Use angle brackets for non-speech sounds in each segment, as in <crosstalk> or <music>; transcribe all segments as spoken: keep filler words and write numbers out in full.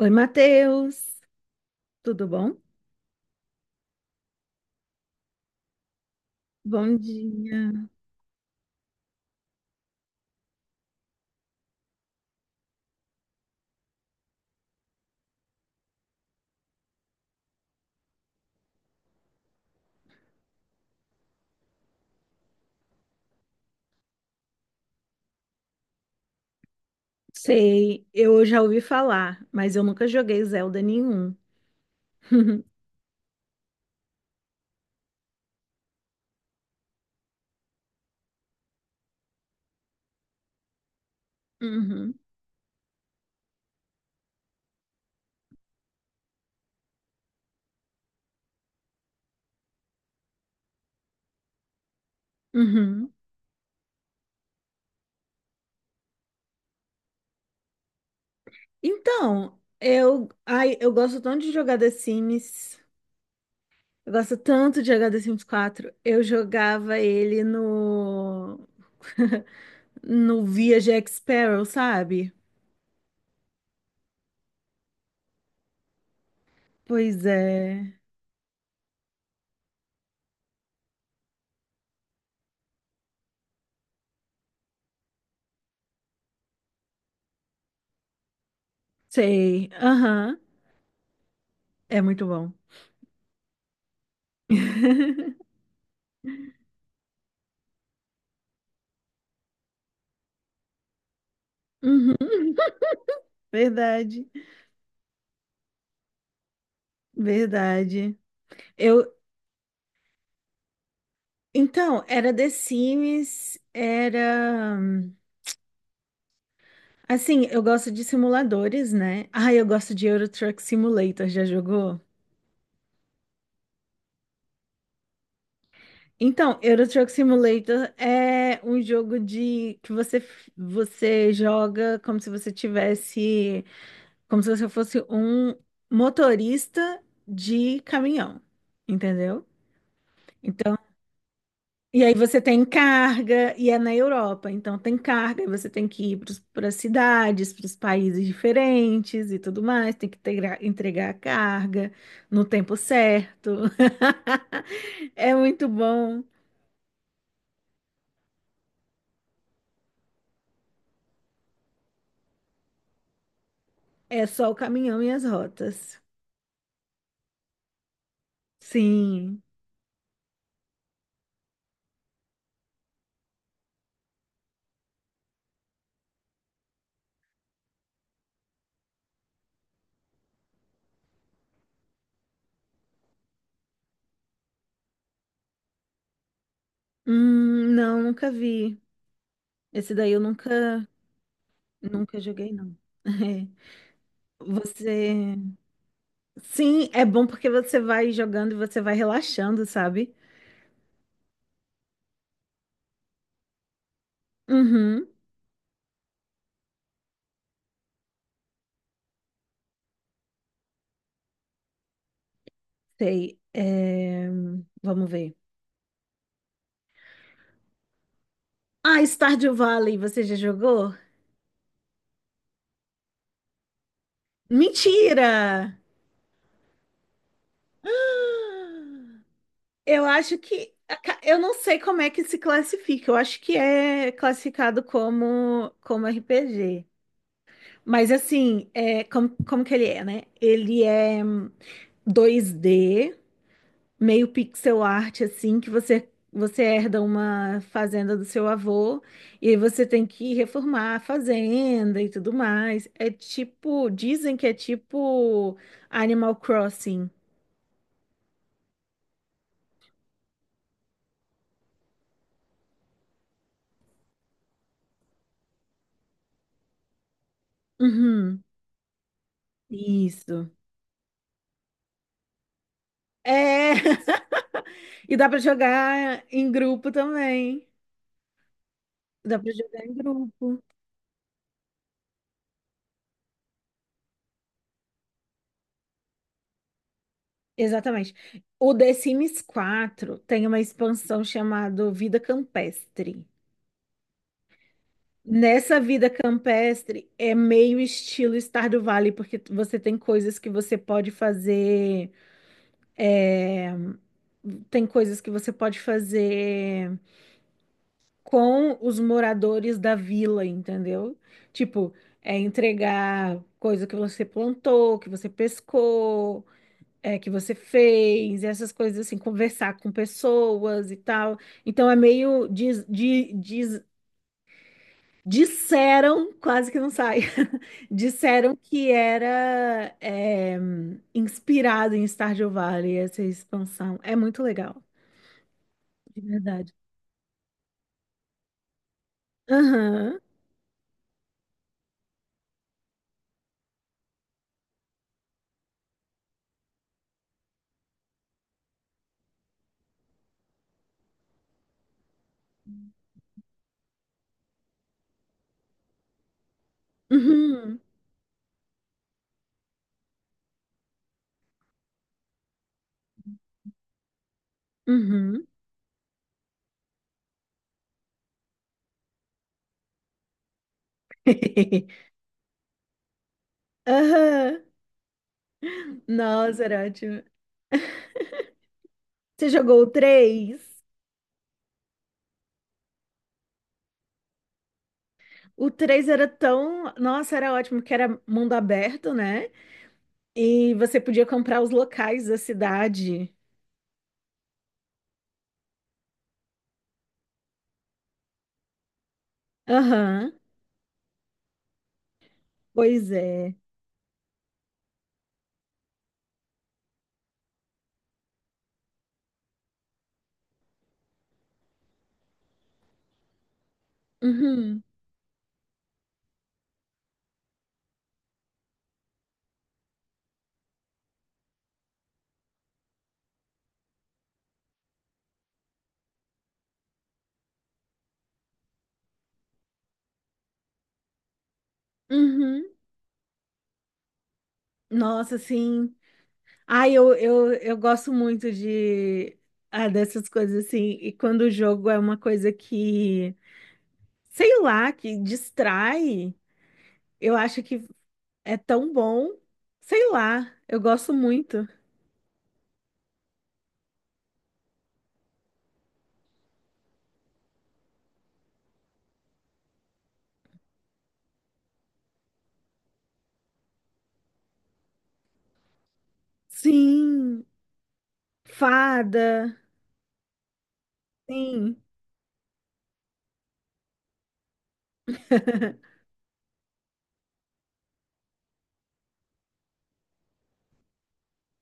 Oi, Matheus, tudo bom? Bom dia. Sei, eu já ouvi falar, mas eu nunca joguei Zelda nenhum. <laughs> Uhum, uhum. Então, eu, ai, eu gosto tanto de jogar The Sims. Eu gosto tanto de jogar The Sims quatro. Eu jogava ele no <laughs> no Via Jack Sparrow, sabe? Pois é. Sei. Aham. É muito bom. <laughs> Uhum, verdade, verdade. Eu, Então, era The Sims, era. Assim, eu gosto de simuladores, né? Ah, eu gosto de Euro Truck Simulator, já jogou? Então, Euro Truck Simulator é um jogo de que você você joga como se você tivesse, como se você fosse um motorista de caminhão, entendeu? Então, e aí você tem carga, e é na Europa, então tem carga, e você tem que ir para as cidades, para os países diferentes e tudo mais, tem que integra- entregar a carga no tempo certo. <laughs> É muito bom. É só o caminhão e as rotas. Sim. Hum, não, nunca vi. Esse daí eu nunca, nunca, joguei, não. <laughs> Você. Sim, é bom porque você vai jogando e você vai relaxando, sabe? Uhum. Sei. É, vamos ver. Ah, Stardew Valley, você já jogou? Mentira! Eu acho que. Eu não sei como é que se classifica. Eu acho que é classificado como, como R P G. Mas assim, é, como, como que ele é, né? Ele é dois D, meio pixel art assim que você você herda uma fazenda do seu avô e aí você tem que reformar a fazenda e tudo mais. É tipo, dizem que é tipo Animal Crossing. Uhum, isso. É. <laughs> E dá pra jogar em grupo também. Dá pra jogar em grupo. Exatamente. O The Sims quatro tem uma expansão chamada Vida Campestre. Nessa vida campestre é meio estilo Stardew Valley, porque t- você tem coisas que você pode fazer, tem coisas que você pode fazer com os moradores da vila, entendeu? Tipo, é entregar coisa que você plantou, que você pescou, é, que você fez, essas coisas assim, conversar com pessoas e tal. Então é meio diz diz, diz, Disseram, quase que não sai, <laughs> disseram que era é, inspirado em Stardew Valley, essa expansão. É muito legal, de verdade. Aham, uhum, uhum. <laughs> Aham. Nossa, era ótimo. Você jogou o três? O três era tão. Nossa, era ótimo, porque era mundo aberto, né? E você podia comprar os locais da cidade. Aham, pois é. Uhum. Uhum. Nossa, sim. Ai, eu, eu, eu gosto muito de ah, dessas coisas assim. E quando o jogo é uma coisa que, sei lá, que distrai, eu acho que é tão bom. Sei lá, eu gosto muito. Sim, fada. Sim. <laughs>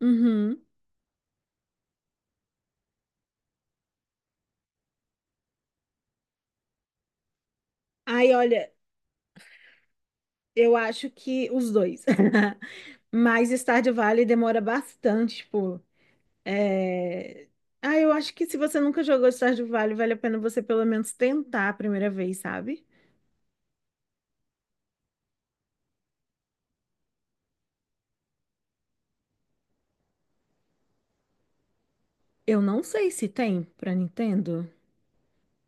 Uhum. Ai, olha, eu acho que os dois. <laughs> Mas Stardew Valley demora bastante, tipo. É. Ah, eu acho que se você nunca jogou Stardew Valley, vale a pena você pelo menos tentar a primeira vez, sabe? Eu não sei se tem pra Nintendo.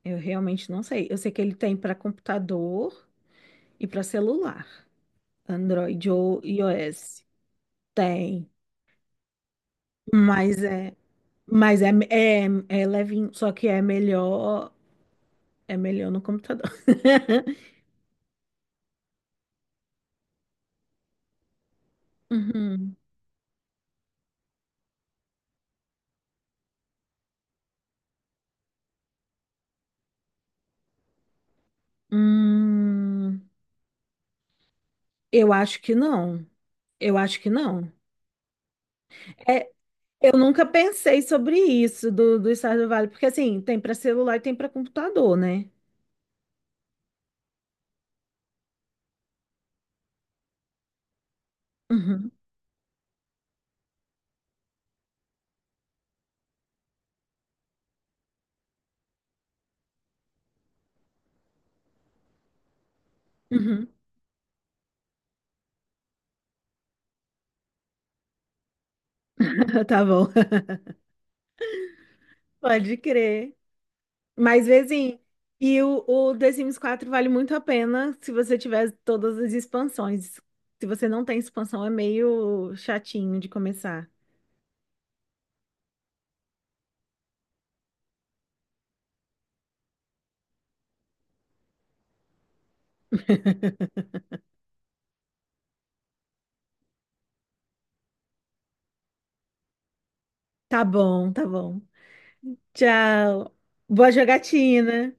Eu realmente não sei. Eu sei que ele tem pra computador e pra celular, Android ou iOS. Tem, mas é, mas é, é, é levinho, só que é melhor, é melhor no computador. <laughs> Uhum. Hum, eu acho que não. Eu acho que não. É, eu nunca pensei sobre isso do, do Stardew Valley, porque assim, tem para celular e tem para computador, né? Uhum, uhum. <laughs> Tá bom. Pode crer. Mas, assim, e o, o The Sims quatro vale muito a pena se você tiver todas as expansões. Se você não tem expansão, é meio chatinho de começar. Tá bom, tá bom. Tchau. Boa jogatina.